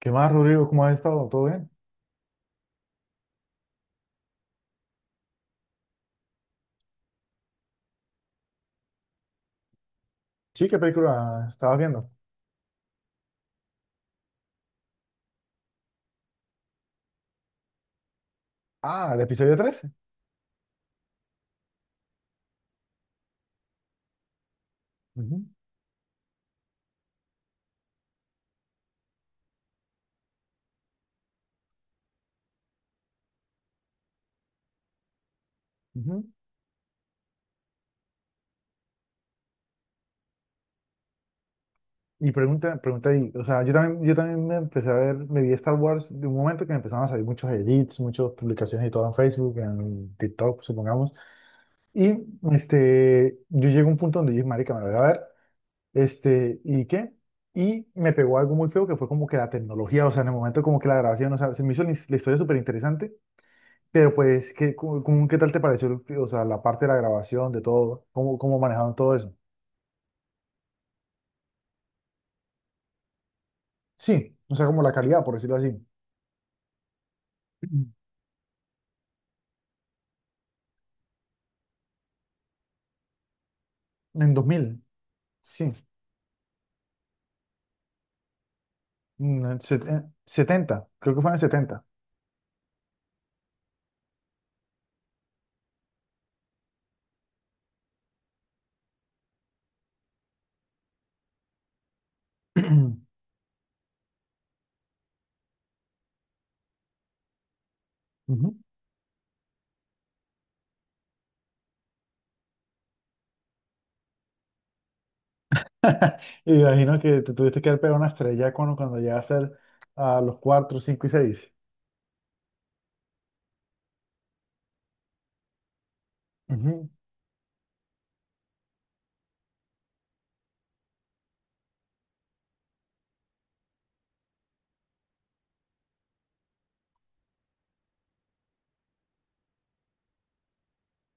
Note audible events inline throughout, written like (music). ¿Qué más, Rodrigo? ¿Cómo has estado? ¿Todo bien? Sí, ¿qué película estabas viendo? Ah, el episodio 13. Ujú, ujú. Y pregunta, pregunta ahí, o sea, yo también me empecé a ver, me vi Star Wars de un momento que me empezaron a salir muchos edits, muchas publicaciones y todo en Facebook, en TikTok, supongamos. Y este, yo llegué a un punto donde dije, marica, me lo voy a ver. Este, ¿y qué? Y me pegó algo muy feo que fue como que la tecnología, o sea, en el momento como que la grabación, o sea, se me hizo la historia súper interesante. Pero pues, ¿qué, qué tal te pareció, o sea, la parte de la grabación, de todo? ¿Cómo, cómo manejaron todo eso? Sí, o sea, como la calidad, por decirlo así. (clears throat) En 2000, sí. Mm, en 70, creo que fue en el 70. (clears throat) Ujú. (laughs) Y me imagino que te tuviste que haber pegado una estrella cuando, cuando llegaste a los 4 5 y seis. Ujú.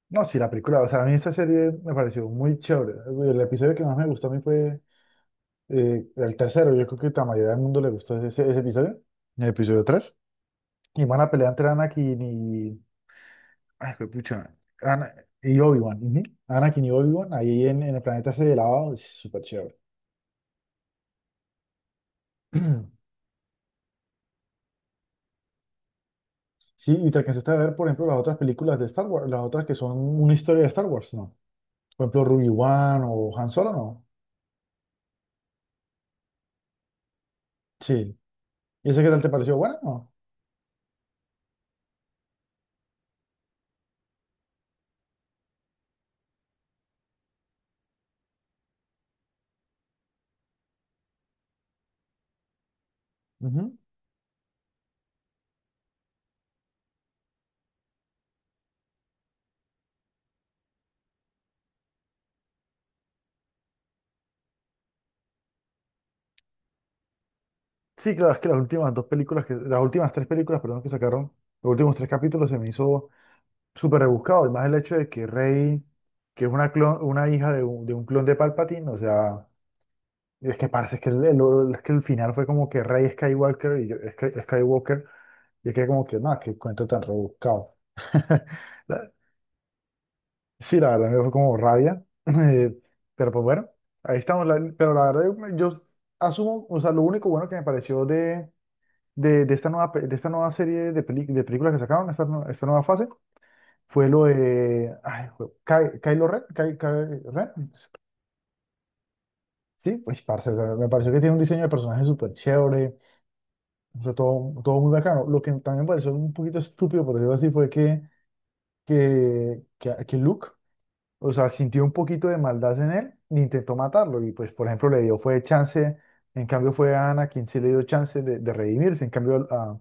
No, sí, la película, o sea, a mí esa serie me pareció muy chévere. El episodio que más me gustó a mí fue, el tercero, yo creo que la mayoría del mundo le gustó ese, ese episodio, el episodio tres. Y van a pelear entre Anakin y... Ay, qué pucha. Ana- y Obi-Wan. Ujú. Anakin y Obi-Wan, ahí en el planeta ese de lava, es súper chévere. (clears throat) Sí, y te alcanzaste a ver, por ejemplo, las otras películas de Star Wars, las otras que son una historia de Star Wars, ¿no? Por ejemplo, Ruby One o Han Solo, ¿no? Sí. ¿Y ese qué tal te pareció? ¿Buena, o no? Ujú. Sí, claro, es que las últimas dos películas, las últimas tres películas, perdón, que sacaron, los últimos tres capítulos se me hizo súper rebuscado, y más el hecho de que Rey, que es una, una hija de un clon de Palpatine, o sea, es que parece que es que el final fue como que Rey Skywalker y yo, Skywalker, y es que como que, no, qué cuento tan rebuscado. (laughs) La- Sí, la verdad me fue como rabia, (laughs) pero pues bueno, ahí estamos, pero la verdad yo, yo asumo, o sea, lo único bueno que me pareció de esta de esta nueva serie de, de películas que sacaron, esta, esta nueva fase, fue lo de ay, Kylo Ren, Ren, sí, pues parce, o sea, me pareció que tiene un diseño de personaje súper chévere, o sea, todo, todo muy bacano. Lo que también me pareció un poquito estúpido, por decirlo así, fue que, que Luke, o sea, sintió un poquito de maldad en él e intentó matarlo, y pues, por ejemplo, le dio, fue chance, en cambio fue a Ana quien sí le dio chance de redimirse, en cambio a,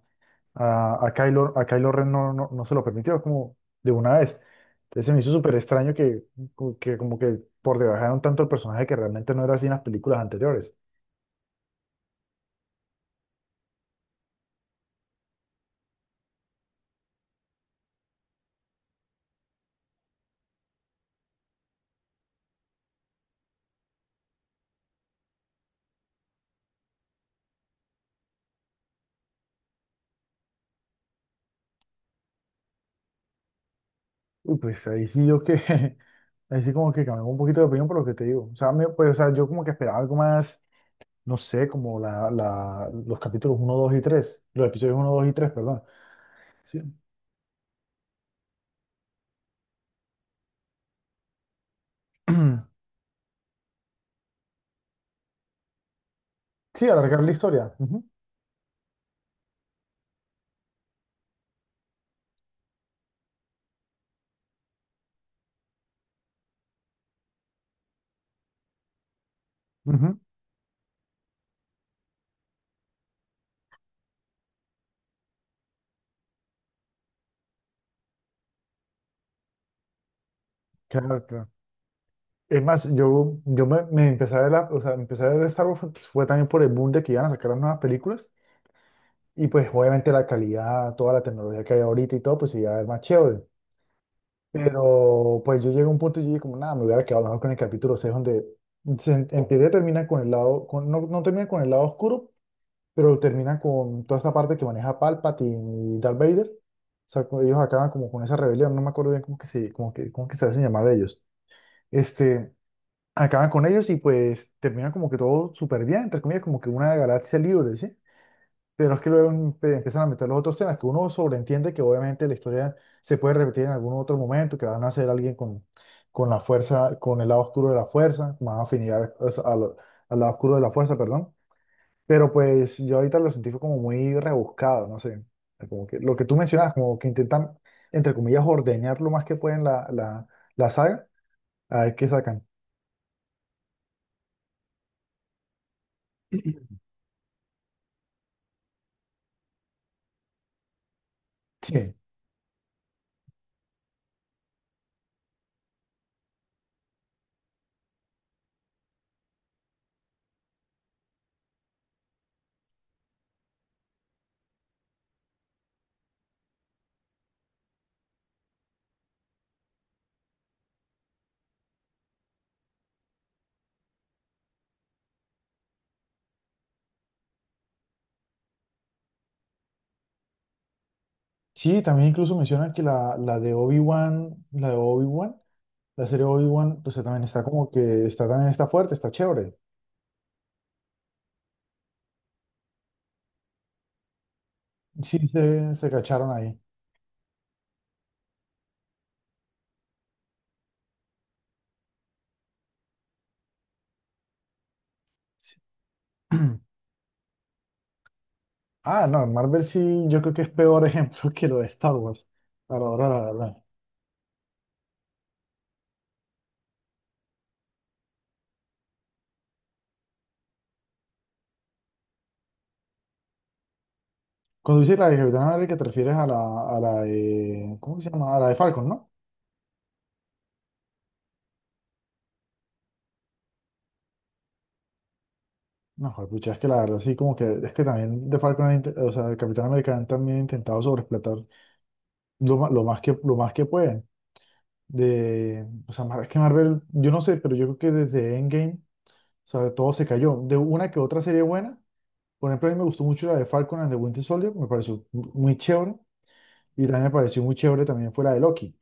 A, a Kylo Ren no, no, no se lo permitió, como de una vez. Entonces se me hizo súper extraño que, como que por debajaron tanto el personaje que realmente no era así en las películas anteriores. Uy, pues ahí sí yo que, (laughs) ahí sí como que cambié un poquito de opinión por lo que te digo. O sea, pues, o sea, yo como que esperaba algo más, no sé, como la, los episodios uno 2 y tres, perdón. Sí, (clears throat) sí, alargar la historia. Ujú, ujú. Claro, claro. Es más, yo me, me empecé a ver la, o sea, empecé a ver Star Wars fue, fue también por el boom de que iban a sacar las nuevas películas y pues obviamente la calidad, toda la tecnología que hay ahorita y todo, pues iba a ver más chévere. Pero pues yo llegué a un punto y yo dije como, nada, me hubiera quedado mejor con el capítulo 6 donde se, en teoría termina con el lado, con, no, no termina con el lado oscuro, pero termina con toda esta parte que maneja Palpatine y Darth Vader. O sea, como ellos acaban como con esa rebelión, no me acuerdo bien cómo que se, como que, cómo que se hacen llamar ellos. Este, acaban con ellos y pues terminan como que todo súper bien, entre comillas, como que una galaxia libre, ¿sí? Pero es que luego empiezan a meter los otros temas, que uno sobreentiende que obviamente la historia se puede repetir en algún otro momento, que van a ser alguien con la fuerza, con el lado oscuro de la fuerza, más afinidad, o sea, al, al lado oscuro de la fuerza, perdón. Pero pues yo ahorita lo sentí fue como muy rebuscado, no sé. Como que lo que tú mencionas, como que intentan, entre comillas, ordeñar lo más que pueden la, la, la saga, a ver qué sacan. (clears throat) Sí. Sí, también incluso mencionan que la de Obi-Wan, la de Obi-Wan, la serie Obi-Wan, pues también está como que está también está fuerte, está chévere. Sí, se cacharon ahí. (clears throat) Ah, no, Marvel sí, yo creo que es peor ejemplo (laughs) que lo de Star Wars. Para ahora, la verdad. Cuando dices la de Capitán América, te refieres a la de, ¿cómo se llama? A la de Falcon, ¿no? No, pucha, es que la verdad sí, como que, es que también de Falcon, o sea, de Capitán América han también intentado sobreexplotar lo, lo más que pueden. De, o sea, es que Marvel, yo no sé, pero yo creo que desde Endgame, o sea, todo se cayó. De una que otra serie buena, por ejemplo, a mí me gustó mucho la de Falcon and the Winter Soldier, me pareció muy chévere, y también me pareció muy chévere también fue la de Loki.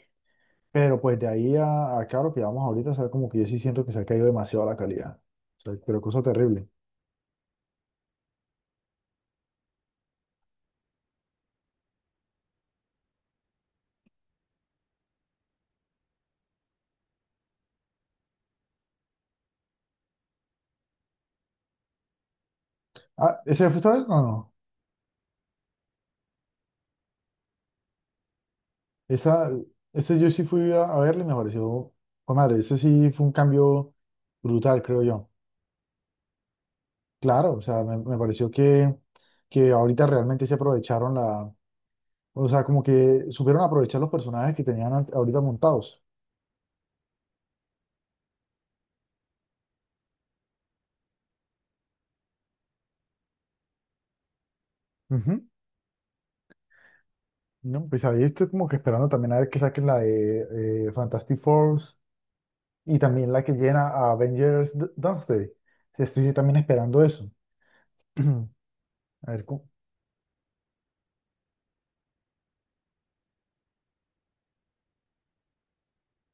Pero pues de ahí a acá lo que vamos ahorita, o sea, como que yo sí siento que se ha caído demasiado la calidad. O sea, pero cosa terrible. Ah, ¿ese fue esta vez? No, no. Esa, ese yo sí fui a verle y me pareció, oh, madre, ese sí fue un cambio brutal, creo yo. Claro, o sea, me pareció que ahorita realmente se aprovecharon la, o sea, como que supieron aprovechar los personajes que tenían ahorita montados. Ujú. ¿No? Pues ahí estoy como que esperando también a ver que saquen la de Fantastic Four y también la que llena a Avengers Doomsday. Estoy también esperando eso. (clears throat) A ver, cómo-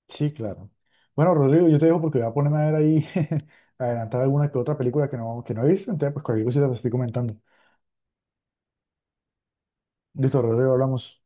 sí, claro. Bueno, Rodrigo, yo te dejo porque voy a ponerme a ver ahí, (laughs) a adelantar alguna que otra película que no he visto, entonces pues cualquier cosa te estoy comentando. Listo, Rodrigo, hablamos.